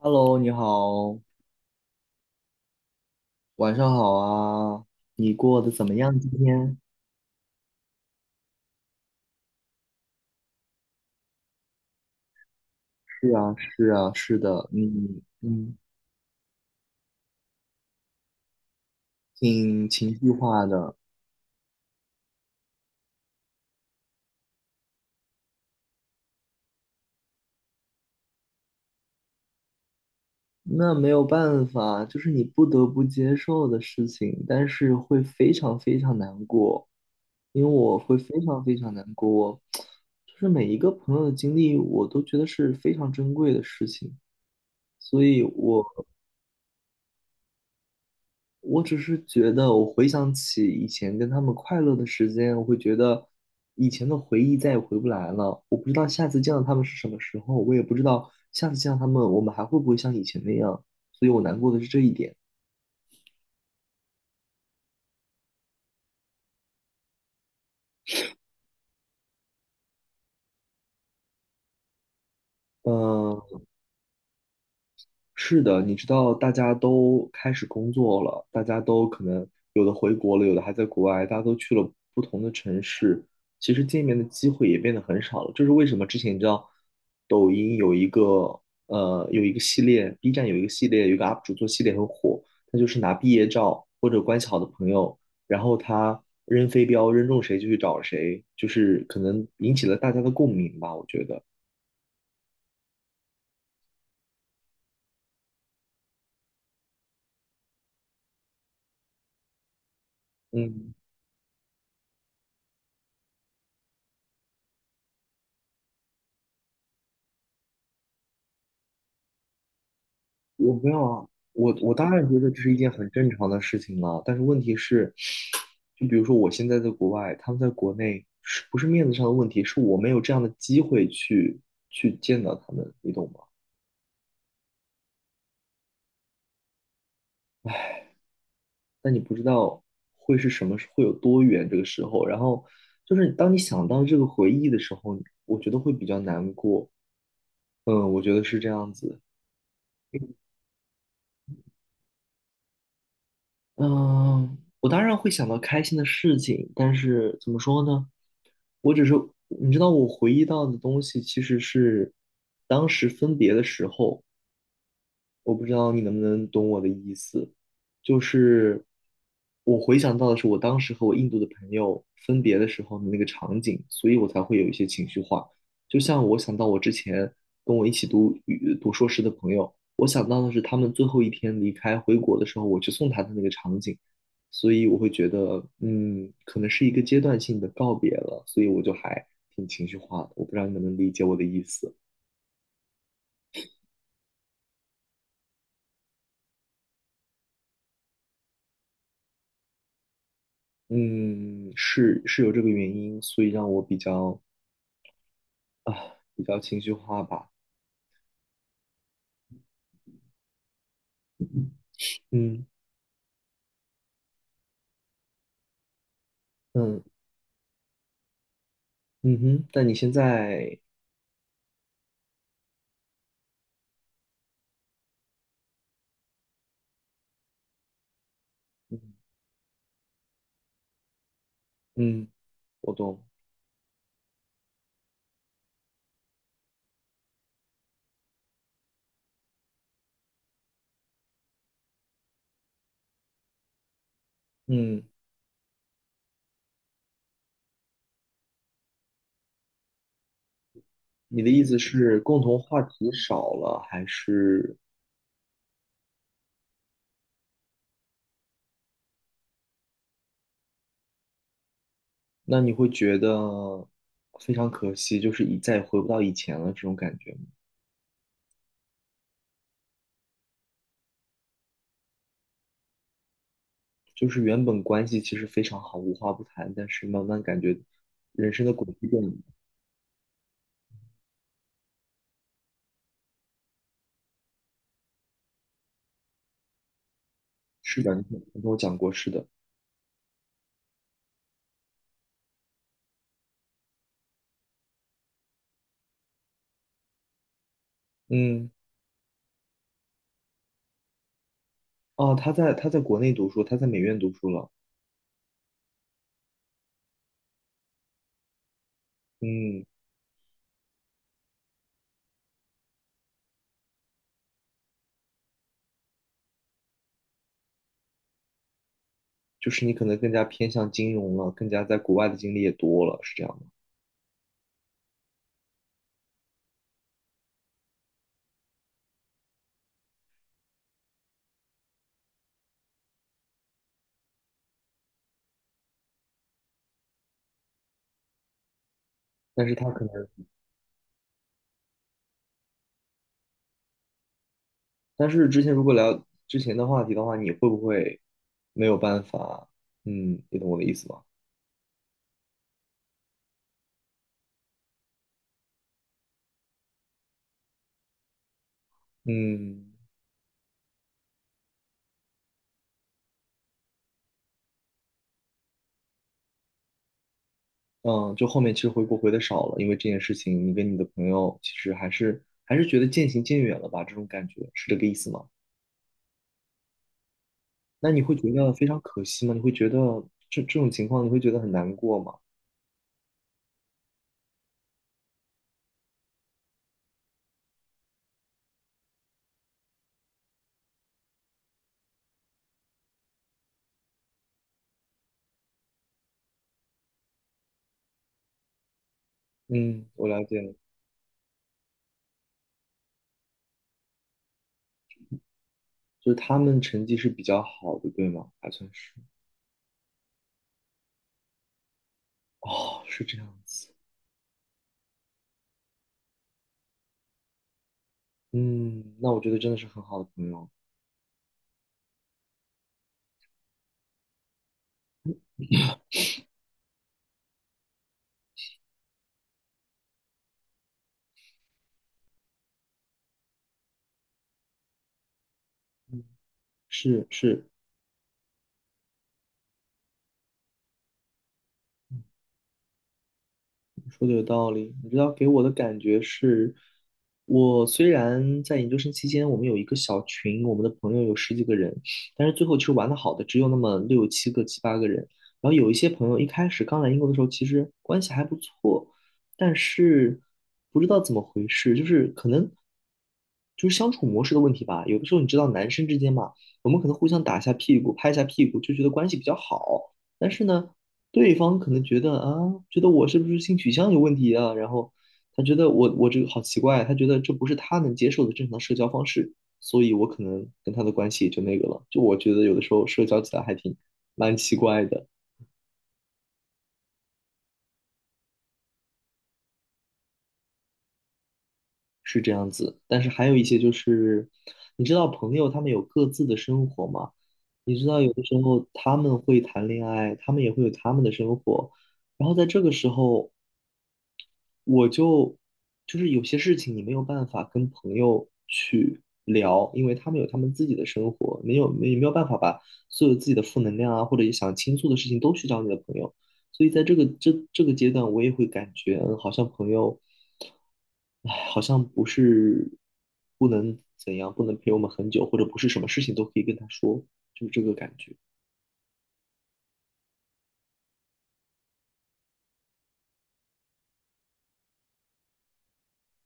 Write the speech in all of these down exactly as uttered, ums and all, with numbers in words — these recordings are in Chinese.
Hello，你好，晚上好啊，你过得怎么样？今天是啊，是啊，是的，嗯嗯，挺情绪化的，那没有办法，就是你不得不接受的事情，但是会非常非常难过，因为我会非常非常难过，我 就是每一个朋友的经历，我都觉得是非常珍贵的事情，所以我我只是觉得，我回想起以前跟他们快乐的时间，我会觉得以前的回忆再也回不来了。我不知道下次见到他们是什么时候，我也不知道下次见到他们，我们还会不会像以前那样。所以我难过的是这一点。嗯。是的，你知道，大家都开始工作了，大家都可能有的回国了，有的还在国外，大家都去了不同的城市，其实见面的机会也变得很少了。这是为什么？之前你知道，抖音有一个呃有一个系列，B 站有一个系列，有一个 U P 主做系列很火，他就是拿毕业照或者关系好的朋友，然后他扔飞镖，扔中谁就去找谁，就是可能引起了大家的共鸣吧，我觉得。嗯，我没有啊，我我当然觉得这是一件很正常的事情了，但是问题是，就比如说我现在在国外，他们在国内，是不是面子上的问题，是我没有这样的机会去去见到他们，你懂吗？但你不知道会是什么，会有多远这个时候，然后就是当你想到这个回忆的时候，我觉得会比较难过，嗯，我觉得是这样子。嗯，我当然会想到开心的事情，但是怎么说呢？我只是，你知道，我回忆到的东西其实是当时分别的时候。我不知道你能不能懂我的意思，就是我回想到的是我当时和我印度的朋友分别的时候的那个场景，所以我才会有一些情绪化。就像我想到我之前跟我一起读语读硕士的朋友，我想到的是他们最后一天离开回国的时候，我去送他的那个场景，所以我会觉得，嗯，可能是一个阶段性的告别了，所以我就还挺情绪化的。我不知道你能不能理解我的意思。嗯，是是有这个原因，所以让我比较啊比较情绪化吧。嗯，嗯，嗯哼，但你现在，嗯，嗯，我懂。嗯，你的意思是共同话题少了，还是那你会觉得非常可惜，就是一再也回不到以前了这种感觉吗？就是原本关系其实非常好，无话不谈，但是慢慢感觉人生的轨迹变了。是的，你跟我讲过，是的，嗯。哦，他在他在国内读书，他在美院读书了。嗯，就是你可能更加偏向金融了，更加在国外的经历也多了，是这样的。但是他可能，但是之前如果聊之前的话题的话，你会不会没有办法？嗯，你懂我的意思吗？嗯，嗯，就后面其实回国回的少了，因为这件事情，你跟你的朋友其实还是还是觉得渐行渐远了吧？这种感觉是这个意思吗？那你会觉得非常可惜吗？你会觉得这这种情况，你会觉得很难过吗？嗯，我了解。就是他们成绩是比较好的，对吗？还算是。哦，是这样子。嗯，那我觉得真的是很好的朋友。嗯，是是，说的有道理，你知道给我的感觉是，我虽然在研究生期间，我们有一个小群，我们的朋友有十几个人，但是最后其实玩的好的只有那么六七个、七八个人。然后有一些朋友一开始刚来英国的时候，其实关系还不错，但是不知道怎么回事，就是可能就是相处模式的问题吧。有的时候你知道，男生之间嘛，我们可能互相打一下屁股、拍一下屁股，就觉得关系比较好。但是呢，对方可能觉得啊，觉得我是不是性取向有问题啊？然后他觉得我我这个好奇怪，他觉得这不是他能接受的正常社交方式，所以我可能跟他的关系也就那个了。就我觉得有的时候社交起来还挺蛮奇怪的，是这样子。但是还有一些就是，你知道朋友他们有各自的生活嘛？你知道有的时候他们会谈恋爱，他们也会有他们的生活。然后在这个时候，我就就是有些事情你没有办法跟朋友去聊，因为他们有他们自己的生活，没有没没有办法把所有自己的负能量啊，或者想倾诉的事情都去找你的朋友，所以在这个这这个阶段，我也会感觉，嗯，好像朋友，唉，好像不是不能怎样，不能陪我们很久，或者不是什么事情都可以跟他说，就是这个感觉。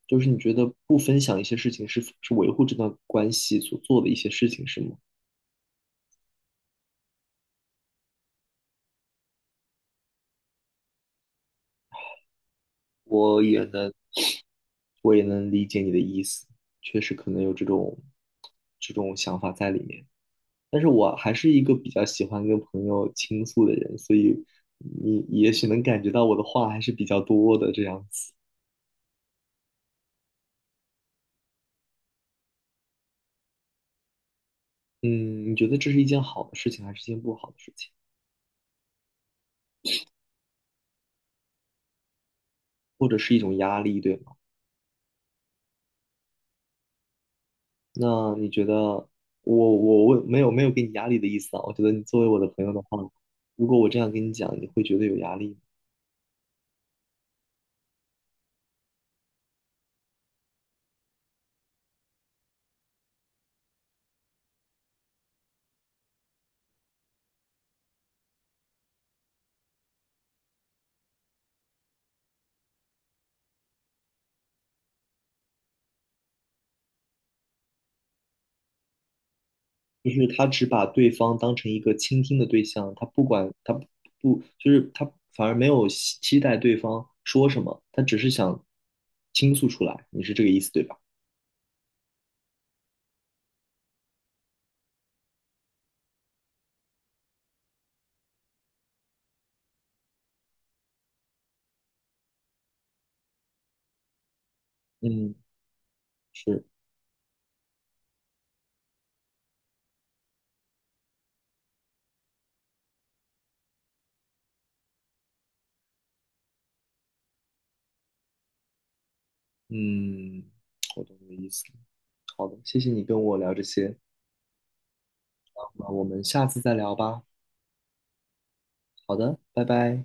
就是你觉得不分享一些事情是是维护这段关系所做的一些事情，是吗？我也能我也能理解你的意思，确实可能有这种这种想法在里面。但是我还是一个比较喜欢跟朋友倾诉的人，所以你也许能感觉到我的话还是比较多的这样子。嗯，你觉得这是一件好的事情，还是一件不好的事情，或者是一种压力，对吗？那你觉得我我我没有没有给你压力的意思啊？我觉得你作为我的朋友的话，如果我这样跟你讲，你会觉得有压力吗？就是他只把对方当成一个倾听的对象，他不管他不就是他反而没有期期待对方说什么，他只是想倾诉出来。你是这个意思对吧？嗯，是，嗯，我懂你的意思。好的，谢谢你跟我聊这些，那我们下次再聊吧。好的，拜拜。